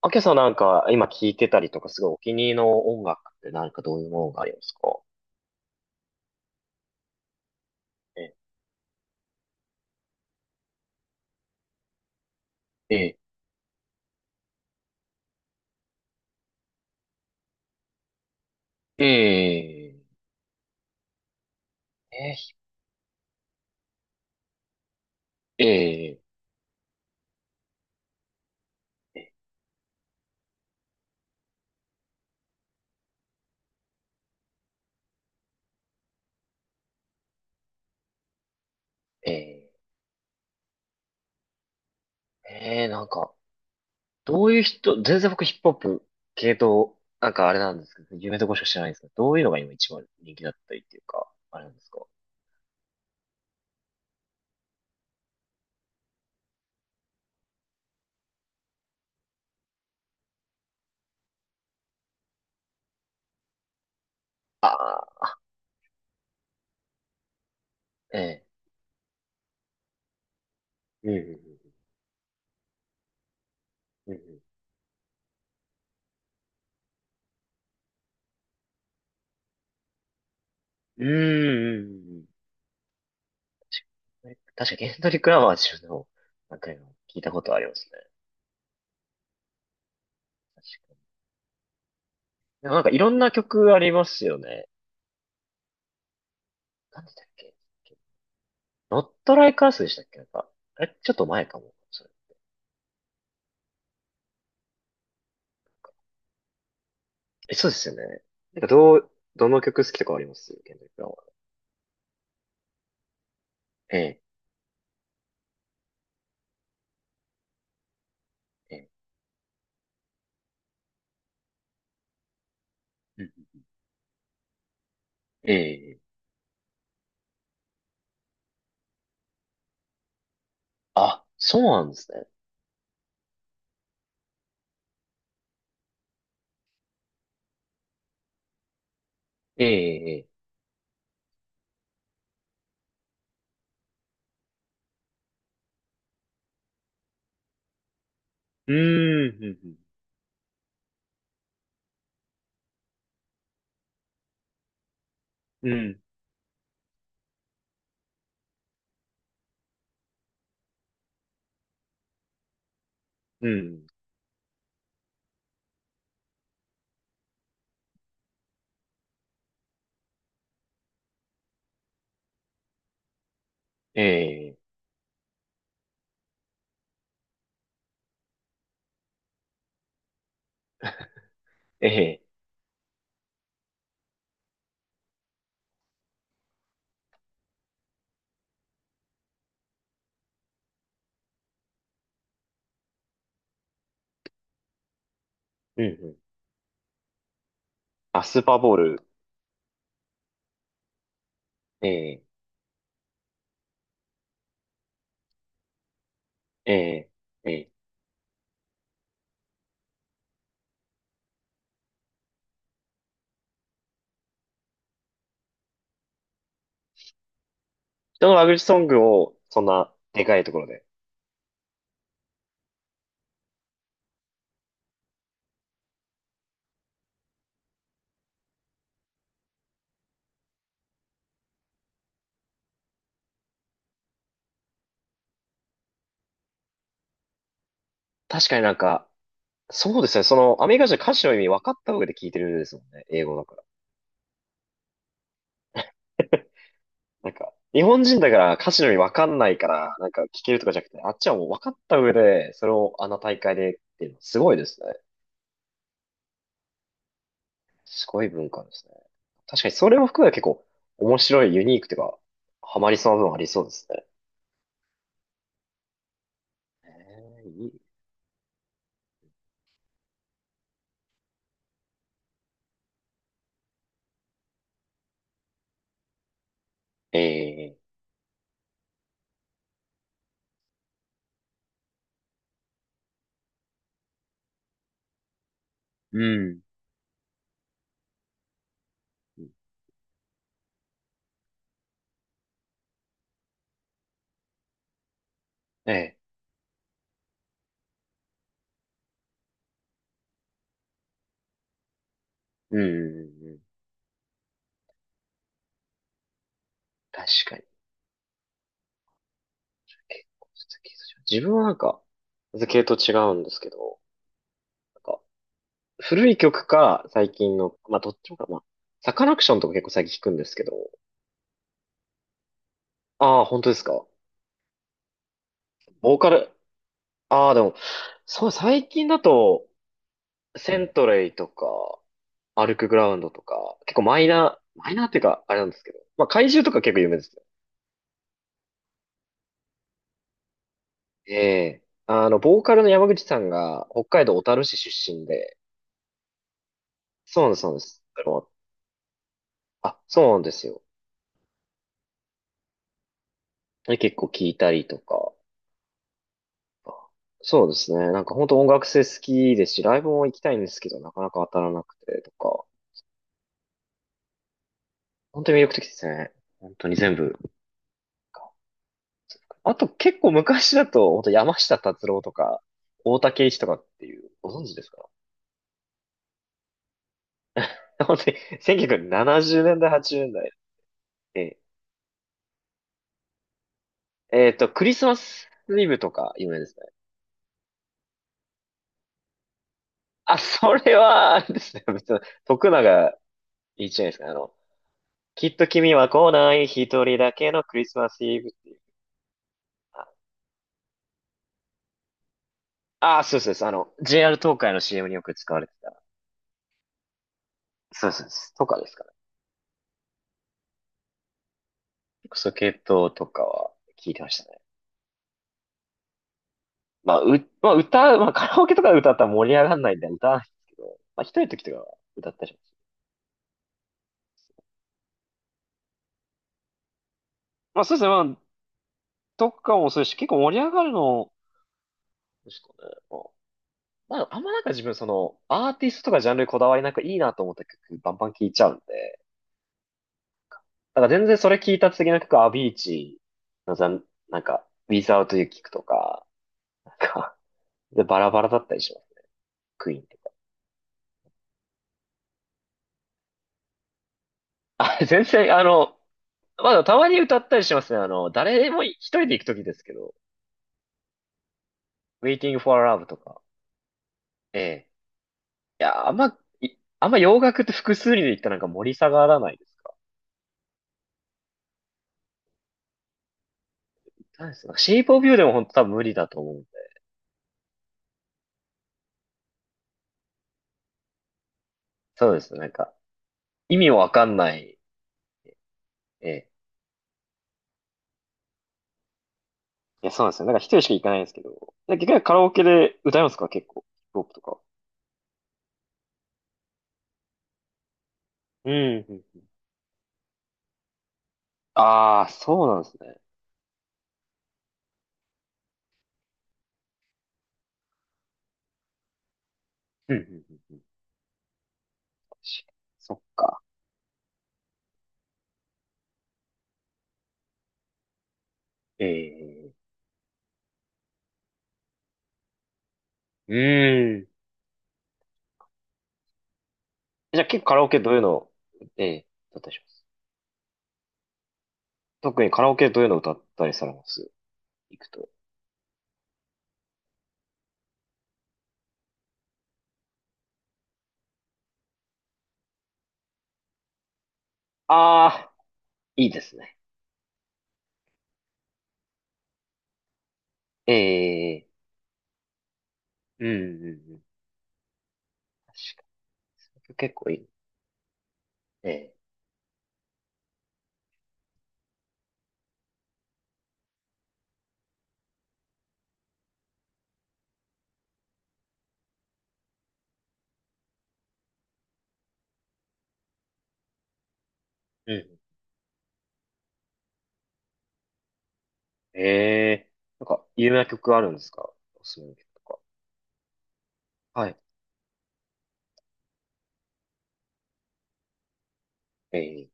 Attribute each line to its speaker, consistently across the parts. Speaker 1: あけさん、なんか今聴いてたりとか、すごいお気に入りの音楽ってなんかどういうものがありますか？え、え、え、え、え、え、え、え、え、え、なんか、どういう人、全然僕ヒップホップ系統、なんかあれなんですけど、有名どころしか知らないんですけど、どういうのが今一番人気だったりっていうか、あれなんですか？ああ、ええ、うん、うん、うんうん、うん、うん、うん、確かに、ケンドリック・ラマー自分でも、なんか今聞いたことありますね。でもなんかいろんな曲ありますよね。なんでだっけ、ノットライカースでしたっけ、なんか、あれ、ちょっと前かも、それ。え、そうですよね。なんかどう、どの曲好きとかありますケンドリック・ラマー？ええ、ええ、うん。ええ、あ、そうなんですね。ええ、ええ、うーん、うん、うん、うんうん。ええ、ええ、うん、うん。あ、スーパーボール。ええ、ええ、ええ。人のラブソングを、そんな、でかいところで。確かになんか、そうですね。その、アメリカ人は歌詞の意味分かった上で聞いてるですもんね。英語だから。なんか、日本人だから歌詞の意味分かんないから、なんか聞けるとかじゃなくて、あっちはもう分かった上で、それをあの大会でっていうのはすごいですね。すごい文化ですね。確かにそれも含めて結構面白い、ユニークというか、ハマりそうな部分ありそうですね。いい。ええ。うん。ええ、うん、うんうん。確かに。結構、ちょっと系統違う、自分はなんか、系統違うんですけど、なんか、古い曲か、最近の、まあ、どっちもか、まあ、サカナクションとか結構最近聞くんですけど、ああ、本当ですか。ボーカル、ああ、でも、そう、最近だと、セントレイとか、アルクグラウンドとか、結構マイナー、マイナーっていうか、あれなんですけど、まあ、怪獣とか結構有名ですよ。ええ、あの、ボーカルの山口さんが、北海道小樽市出身で、そうなんです、そうなんです。あ、そうなんですよ。で結構聞いたりとか、そうですね。なんか本当音楽性好きですし、ライブも行きたいんですけど、なかなか当たらなくてとか、本当に魅力的ですね。本当に全部。あと結構昔だと、本当山下達郎とか、大竹一とかっていう、ご存知ですか？本当に1970年代、80年代。えクリスマスイブとか有名ですね。あ、それは、あれですね。別に、徳永いいじゃないですか。あの、きっと君は来ない一人だけのクリスマスイブっていう。ああ、そうそうです。あの、JR 東海の CM によく使われてた。そうそうです、とかですかね。そう、系統とかは聞いてましたね。まあ、まあ、歌う、まあ、カラオケとかで歌ったら盛り上がらないんで歌わないんですけど、まあ、一人の時とかは歌ったりします。まあ、そうですね。まあ、とかもそうですし、結構盛り上がるの、ですかね。まあ、あんまなんか自分、その、アーティストとかジャンルにこだわりなくいいなと思った曲、バンバン聴いちゃうんで、なんか全然それ聴いた次の曲、アビーチのざん、なんか、Without You 聞くとか、なんか、で、バラバラだったりします、クイーンって。あ、全然、あの、まだたまに歌ったりしますね。あの、誰でも一人で行くときですけど、Waiting for Love とか。ええ。いや、あんま、あんま洋楽って複数人で行ったらなんか盛り下がらないですか？何ですか？ Shape of You でも本当多分無理だと思うんで。そうですね。なんか、意味わかんない。ええ。いや、そうなんですよ。なんか一人しか行かないんですけど。で結局カラオケで歌いますか、結構。ヒップホップとか。うん、うん。ああ、そうなんですね。うんうん、うんうん。そっか。ええ。うん。じゃあ結構カラオケどういうのを、ええ、だったりします。特にカラオケどういうのを歌ったりされます、行くと。ああ、いいですね。ええ、うんうんうん。確かに。結構いい。ええ、うん。ええ、なんか、有名な曲あるんですか、おすすめの曲とか。はい。ええ、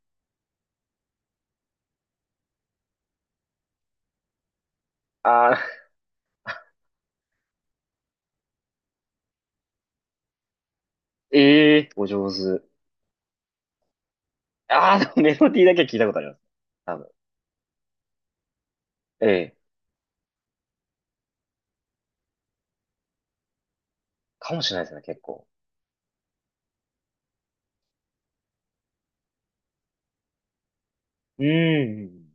Speaker 1: ああ、ええ、お上手。ああ、でもメロディーだけは聞いたことあります。多分。ええ、かもしれないですね、結構。うんうんうん。